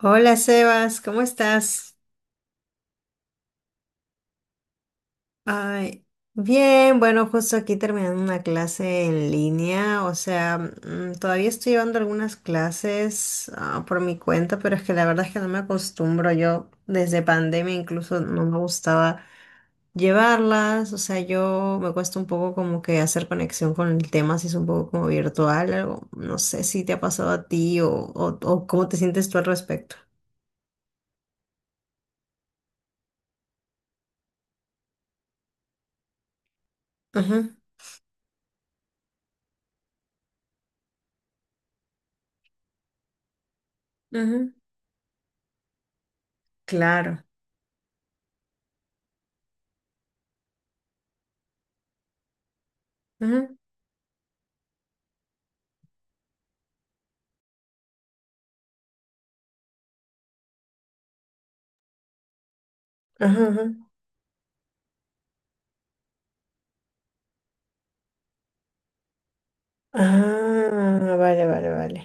Hola Sebas, ¿cómo estás? Ay, bien, bueno, justo aquí terminando una clase en línea, o sea, todavía estoy llevando algunas clases por mi cuenta, pero es que la verdad es que no me acostumbro. Yo desde pandemia incluso no me gustaba llevarlas, o sea, yo me cuesta un poco como que hacer conexión con el tema, si es un poco como virtual, algo, no sé si te ha pasado a ti o cómo te sientes tú al respecto. Ujú, ujú. Claro. Ujú, ujú, ujú. Ah, vale, vale, vale.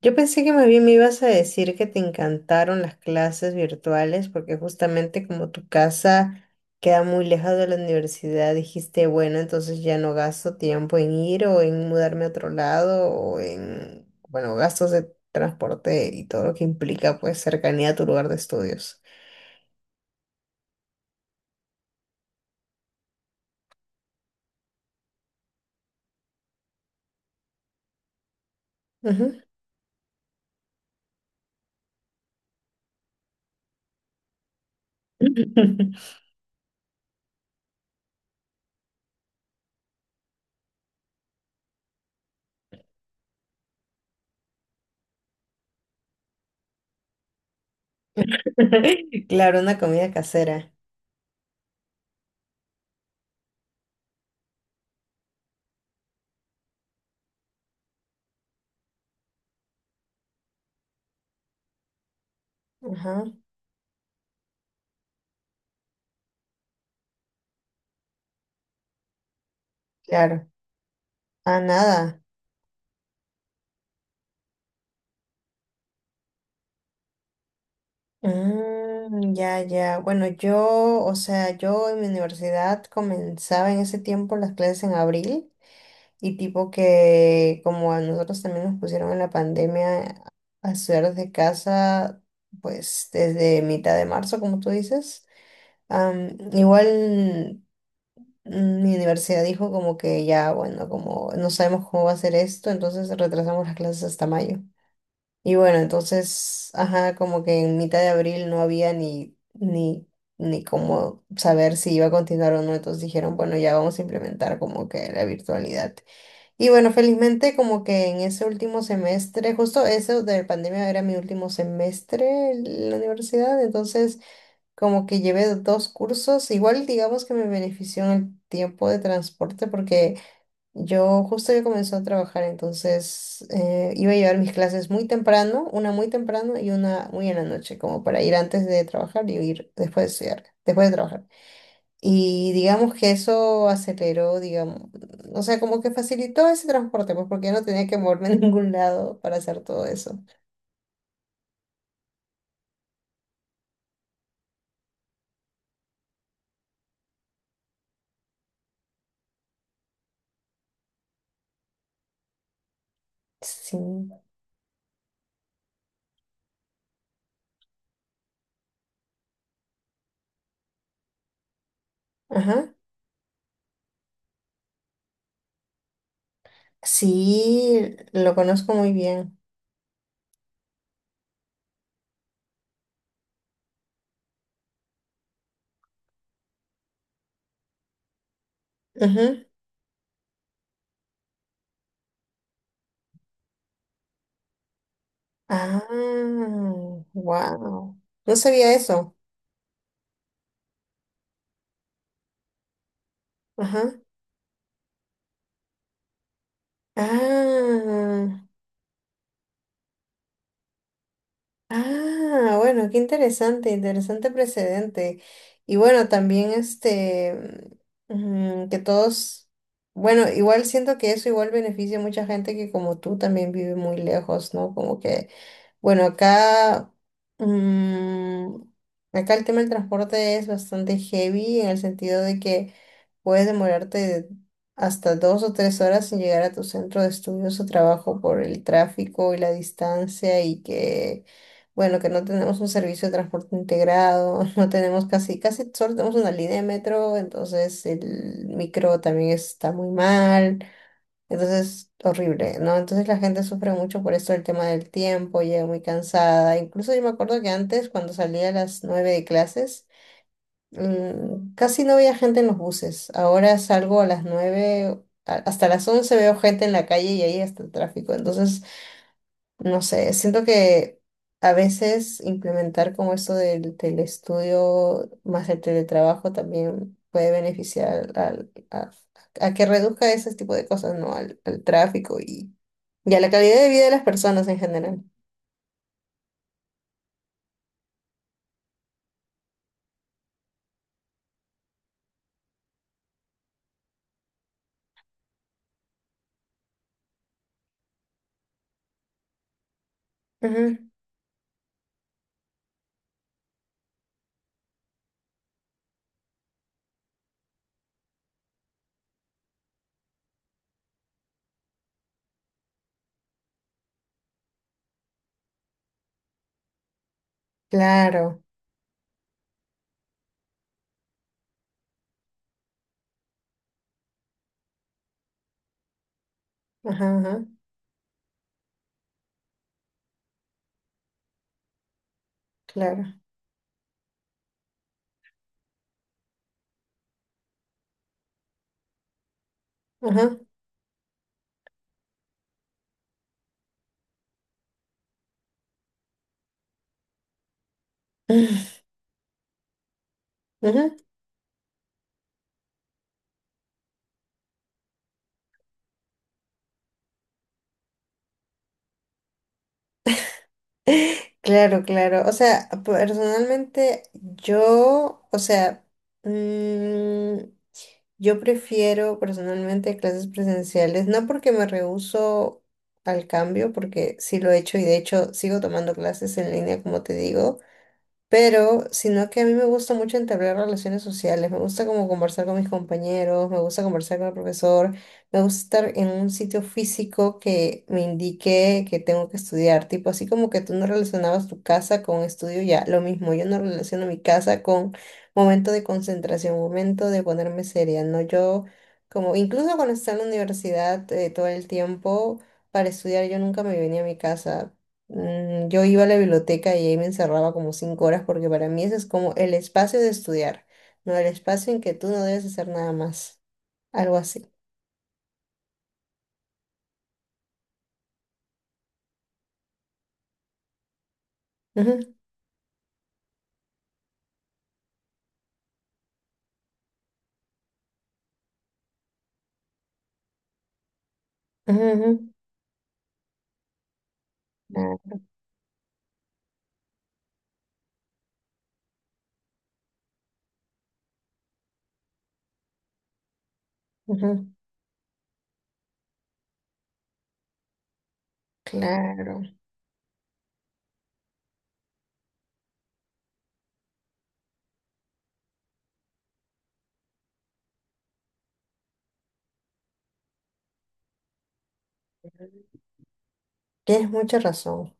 Yo pensé que más bien me ibas a decir que te encantaron las clases virtuales porque justamente como tu casa queda muy lejos de la universidad, dijiste, bueno, entonces ya no gasto tiempo en ir o en mudarme a otro lado o en, bueno, gastos de transporte y todo lo que implica pues cercanía a tu lugar de estudios. Ujú. Claro, una comida casera. Ajá, claro. Ah, nada. Mm, ya, ya. Bueno, yo, o sea, yo en mi universidad comenzaba en ese tiempo las clases en abril y tipo que como a nosotros también nos pusieron en la pandemia a estudiar desde casa, pues desde mitad de marzo, como tú dices. Igual mi universidad dijo como que ya, bueno, como no sabemos cómo va a ser esto, entonces retrasamos las clases hasta mayo. Y bueno, entonces, ajá, como que en mitad de abril no había ni cómo saber si iba a continuar o no. Entonces dijeron, bueno, ya vamos a implementar como que la virtualidad. Y bueno, felizmente como que en ese último semestre, justo eso de la pandemia era mi último semestre en la universidad. Entonces, como que llevé dos cursos. Igual digamos que me benefició en el tiempo de transporte porque yo justo ya comenzó a trabajar, entonces iba a llevar mis clases muy temprano, una muy temprano y una muy en la noche, como para ir antes de trabajar y ir después de estudiar, después de trabajar. Y digamos que eso aceleró, digamos, o sea, como que facilitó ese transporte, pues porque ya no tenía que moverme a ningún lado para hacer todo eso. Sí, ajá. Sí, lo conozco muy bien. Ajá. Ah, wow. No sabía eso. Ajá. Ah, ah, bueno, qué interesante, interesante precedente. Y bueno, también este, que todos, bueno, igual siento que eso igual beneficia a mucha gente que como tú también vive muy lejos, ¿no? Como que, bueno, acá, mm, acá el tema del transporte es bastante heavy en el sentido de que puedes demorarte hasta dos o tres horas en llegar a tu centro de estudios o trabajo por el tráfico y la distancia y que, bueno, que no tenemos un servicio de transporte integrado, no tenemos casi, casi solo tenemos una línea de metro, entonces el micro también está muy mal, entonces horrible, ¿no? Entonces la gente sufre mucho por esto el tema del tiempo, llega muy cansada. Incluso yo me acuerdo que antes, cuando salía a las nueve de clases, casi no había gente en los buses. Ahora salgo a las 9 hasta las 11 veo gente en la calle y ahí está el tráfico. Entonces, no sé, siento que a veces implementar como esto del telestudio más el teletrabajo también puede beneficiar a que reduzca ese tipo de cosas, ¿no? Al tráfico y a la calidad de vida de las personas en general. Ujú. Claro, ajá, ajá, claro, ajá. Ujú. Claro, claro. O sea, personalmente yo, o sea, mm, yo prefiero personalmente clases presenciales, no porque me rehúso al cambio, porque sí lo he hecho y de hecho sigo tomando clases en línea, como te digo. Pero, sino que a mí me gusta mucho entablar relaciones sociales, me gusta como conversar con mis compañeros, me gusta conversar con el profesor, me gusta estar en un sitio físico que me indique que tengo que estudiar, tipo así como que tú no relacionabas tu casa con estudio, ya, lo mismo, yo no relaciono mi casa con momento de concentración, momento de ponerme seria, ¿no? Yo, como, incluso cuando estaba en la universidad todo el tiempo para estudiar, yo nunca me venía a mi casa. Yo iba a la biblioteca y ahí me encerraba como cinco horas porque para mí ese es como el espacio de estudiar, no el espacio en que tú no debes hacer nada más, algo así. Ujú, ujú, ujú. Claro, ujú, claro. Tienes mucha razón.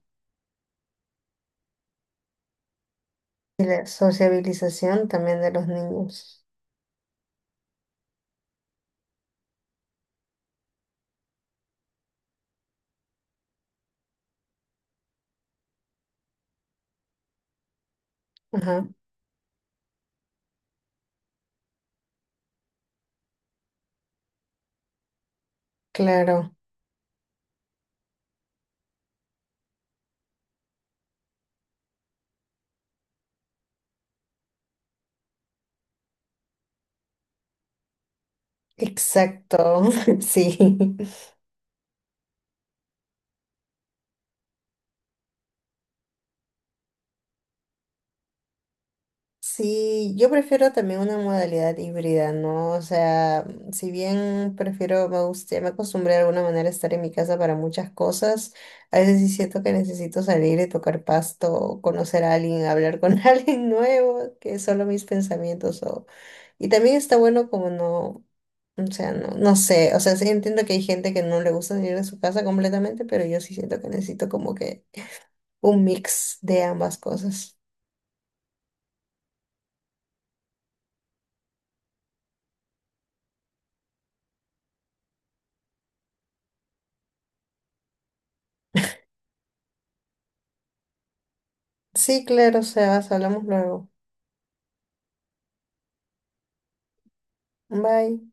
Y la sociabilización también de los niños. Ajá, claro, exacto, sí. Sí, yo prefiero también una modalidad híbrida, ¿no? O sea, si bien prefiero, me gusta, me acostumbré de alguna manera a estar en mi casa para muchas cosas, a veces sí siento que necesito salir y tocar pasto, conocer a alguien, hablar con alguien nuevo, que solo mis pensamientos o... Y también está bueno como no, o sea, no, no sé, o sea, sí entiendo que hay gente que no le gusta salir de su casa completamente, pero yo sí siento que necesito como que un mix de ambas cosas. Sí, claro, Sebas, hablamos luego. Bye.